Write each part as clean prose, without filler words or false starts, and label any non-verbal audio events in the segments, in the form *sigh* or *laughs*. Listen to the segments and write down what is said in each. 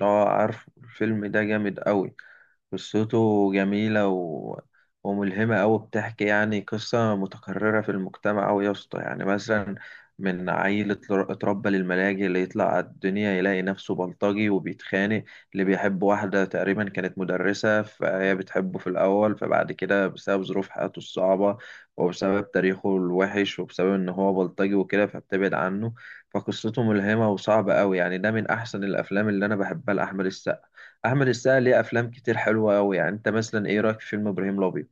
اه عارف الفيلم ده جامد قوي. قصته جميلة وملهمة أوي. بتحكي يعني قصة متكررة في المجتمع أوي يا اسطى، يعني مثلا من عيل اتربى للملاجئ، اللي يطلع على الدنيا يلاقي نفسه بلطجي وبيتخانق، اللي بيحب واحدة تقريبا كانت مدرسة، فهي بتحبه في الأول، فبعد كده بسبب ظروف حياته الصعبة وبسبب تاريخه الوحش وبسبب إن هو بلطجي وكده فبتبعد عنه. فقصته ملهمة وصعبة قوي يعني، ده من أحسن الأفلام اللي أنا بحبها لأحمد السقا. أحمد السقا ليه أفلام كتير حلوة أوي. يعني أنت مثلا إيه رأيك في فيلم إبراهيم الأبيض؟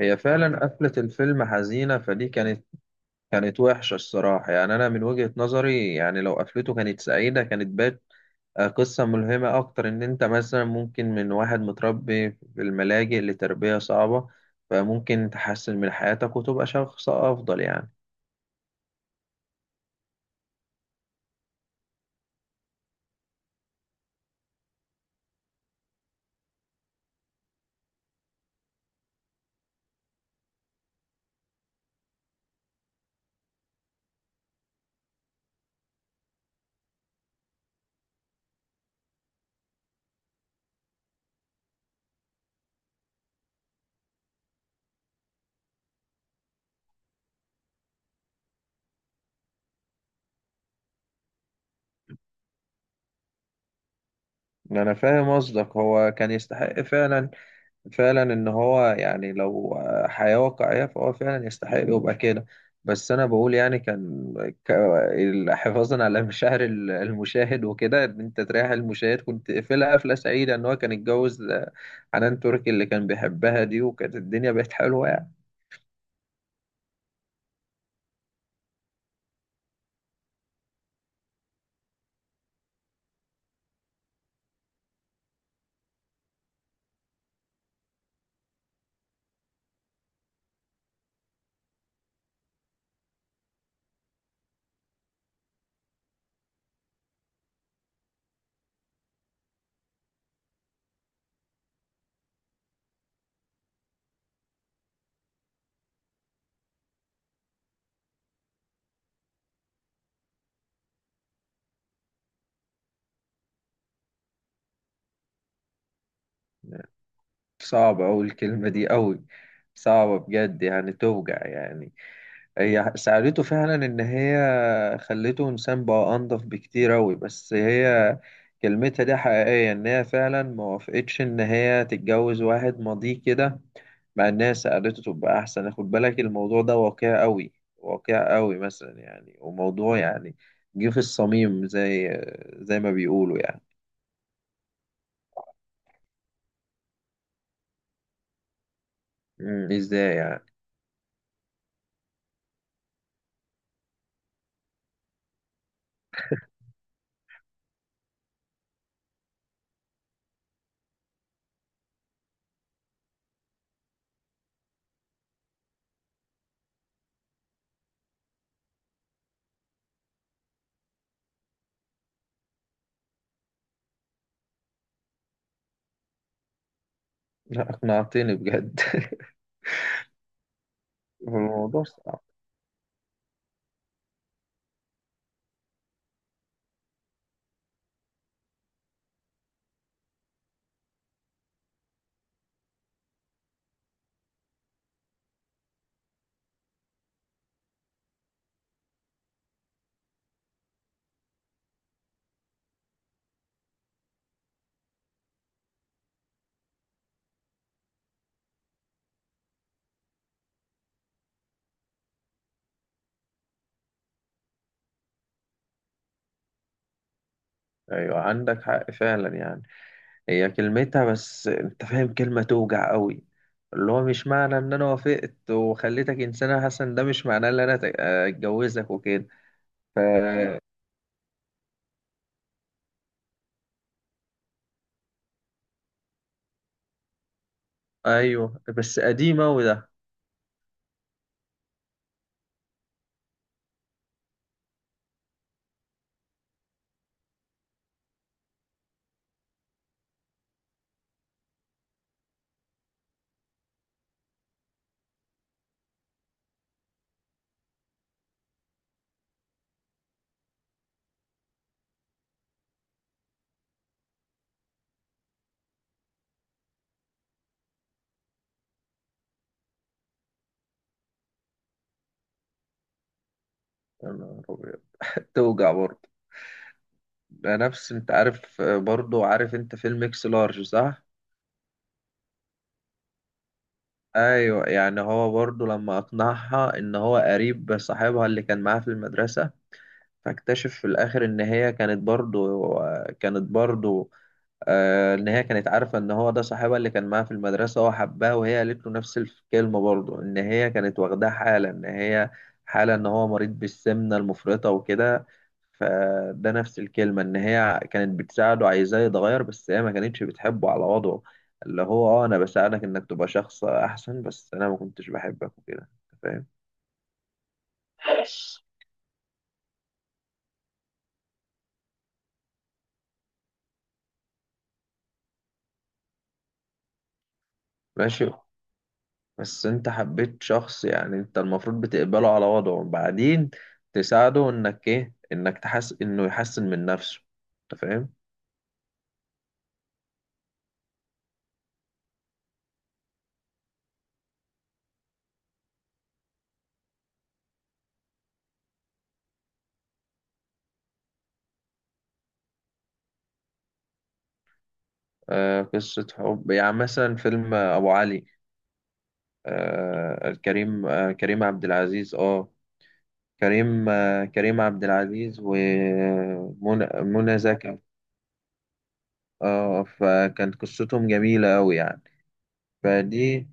هي فعلا قفلة الفيلم حزينة، فدي كانت وحشة الصراحة. يعني أنا من وجهة نظري يعني لو قفلته كانت سعيدة كانت بات قصة ملهمة أكتر، إن أنت مثلا ممكن من واحد متربي في الملاجئ لتربية صعبة فممكن تحسن من حياتك وتبقى شخص أفضل يعني. أنا فاهم قصدك، هو كان يستحق فعلا، فعلا ان هو يعني لو حياة واقعية فهو فعلا يستحق يبقى كده. بس انا بقول يعني ك- حفاظا على *laughs* المشاهد وكده، ان انت تريح المشاهد، كنت قفلها قفلة سعيدة ان هو كان اتجوز حنان تركي اللي كان بيحبها دي، وكانت الدنيا بقت حلوة يعني. صعبة اوي الكلمة دي اوي، صعبة بجد يعني توجع يعني. هي ساعدته فعلا، إن هي خلته إنسان بقى أنضف بكتير أوي، بس هي كلمتها دي حقيقية، إن هي فعلا ما وافقتش إن هي تتجوز واحد ماضيه كده، مع إن هي ساعدته تبقى أحسن. خد بالك الموضوع ده واقع أوي، واقع أوي مثلا يعني، وموضوع يعني جه في الصميم زي زي ما بيقولوا يعني. إزاي يعني؟ *laughs* لا أقنعتني بجد. *laughs* الموضوع صعب. أيوة عندك حق فعلا يعني، هي كلمتها بس انت فاهم كلمة توجع قوي، اللي هو مش معنى ان انا وافقت وخليتك انسانة حسن، ده مش معناه ان انا اتجوزك وكده. ف ايوه بس قديمة وده. يا نهار أبيض. *laughs* توجع برضه. ده نفس، انت عارف برضه، عارف انت فيلم اكس لارج، صح؟ ايوه يعني هو برضه لما اقنعها ان هو قريب صاحبها اللي كان معاها في المدرسة، فاكتشف في الآخر إن هي كانت برضو كانت برضو آه، إن هي كانت عارفة إن هو ده صاحبها اللي كان معاها في المدرسة، هو حبها وهي قالت له نفس الكلمة برضو، إن هي كانت واخداه حالة، إن هي حالة إن هو مريض بالسمنة المفرطة وكده. فده نفس الكلمة، إن هي كانت بتساعده عايزاه يتغير بس هي ما كانتش بتحبه على وضعه، اللي هو أه أنا بساعدك إنك تبقى شخص أحسن بس أنا ما كنتش بحبك وكده. أنت فاهم؟ ماشي، بس انت حبيت شخص يعني انت المفروض بتقبله على وضعه، وبعدين تساعده انك ايه انك تحس انه يحسن من نفسه. انت فاهم؟ آه قصة حب يعني مثلا فيلم ابو علي، آه كريم عبد العزيز. اه كريم، كريم عبد العزيز ومنى، منى زكي. اه، فكانت قصتهم جميلة قوي يعني. فدي،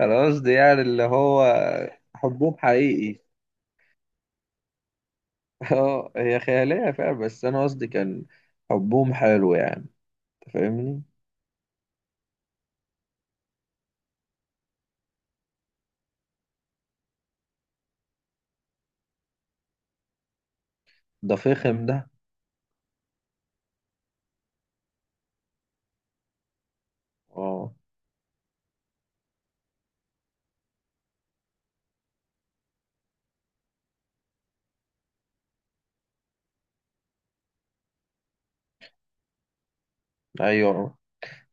انا قصدي يعني اللي هو حبهم حقيقي. *laughs* اه هي خيالية فعلا، بس أنا قصدي كان حبهم حلو يعني. أنت فاهمني؟ ده فخم ده. اه. أيوه،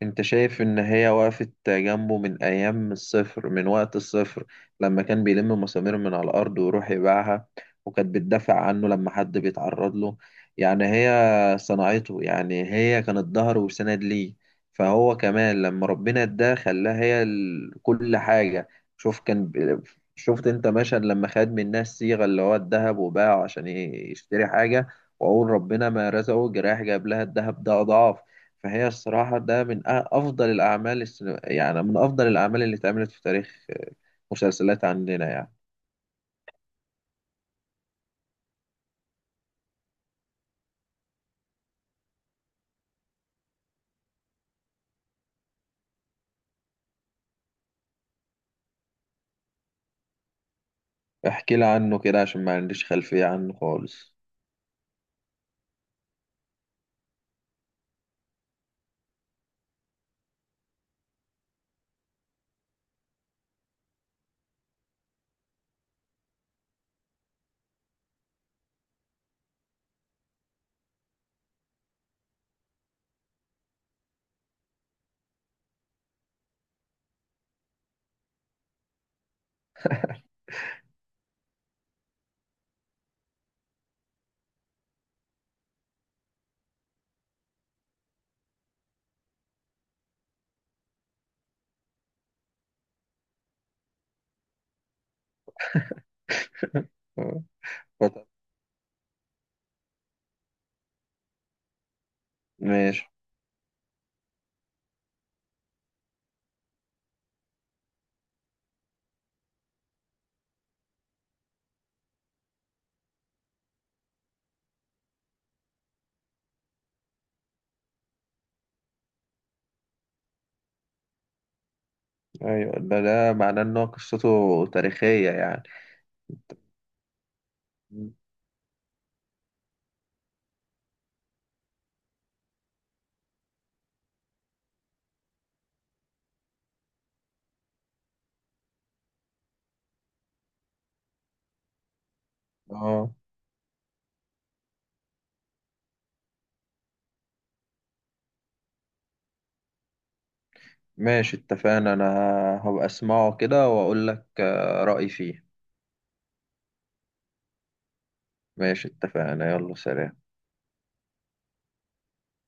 انت شايف ان هي وقفت جنبه من ايام الصفر، من وقت الصفر، لما كان بيلم مسامير من على الارض ويروح يبيعها، وكانت بتدافع عنه لما حد بيتعرض له. يعني هي صنعته، يعني هي كانت ظهر وسند ليه. فهو كمان لما ربنا اداه خلاها هي كل حاجة. شوف كان ب- شفت انت مشهد لما خد من الناس صيغة، اللي هو الذهب، وباعه عشان يشتري حاجة، وأقول ربنا ما رزقه جراح جاب لها الذهب ده أضعاف. فهي الصراحة ده من أفضل الأعمال يعني من أفضل الأعمال اللي اتعملت في تاريخ مسلسلات عندنا يعني. احكي لي عنه كده عشان ما عنديش خلفية عنه خالص. *laughs* آه، فت- ماشي. أيوة ده، ده معناه إن هو قصته تاريخية يعني. اه. ماشي اتفقنا. أنا هبقى أسمعه كده وأقول لك رأيي فيه. ماشي اتفقنا، يلا سلام.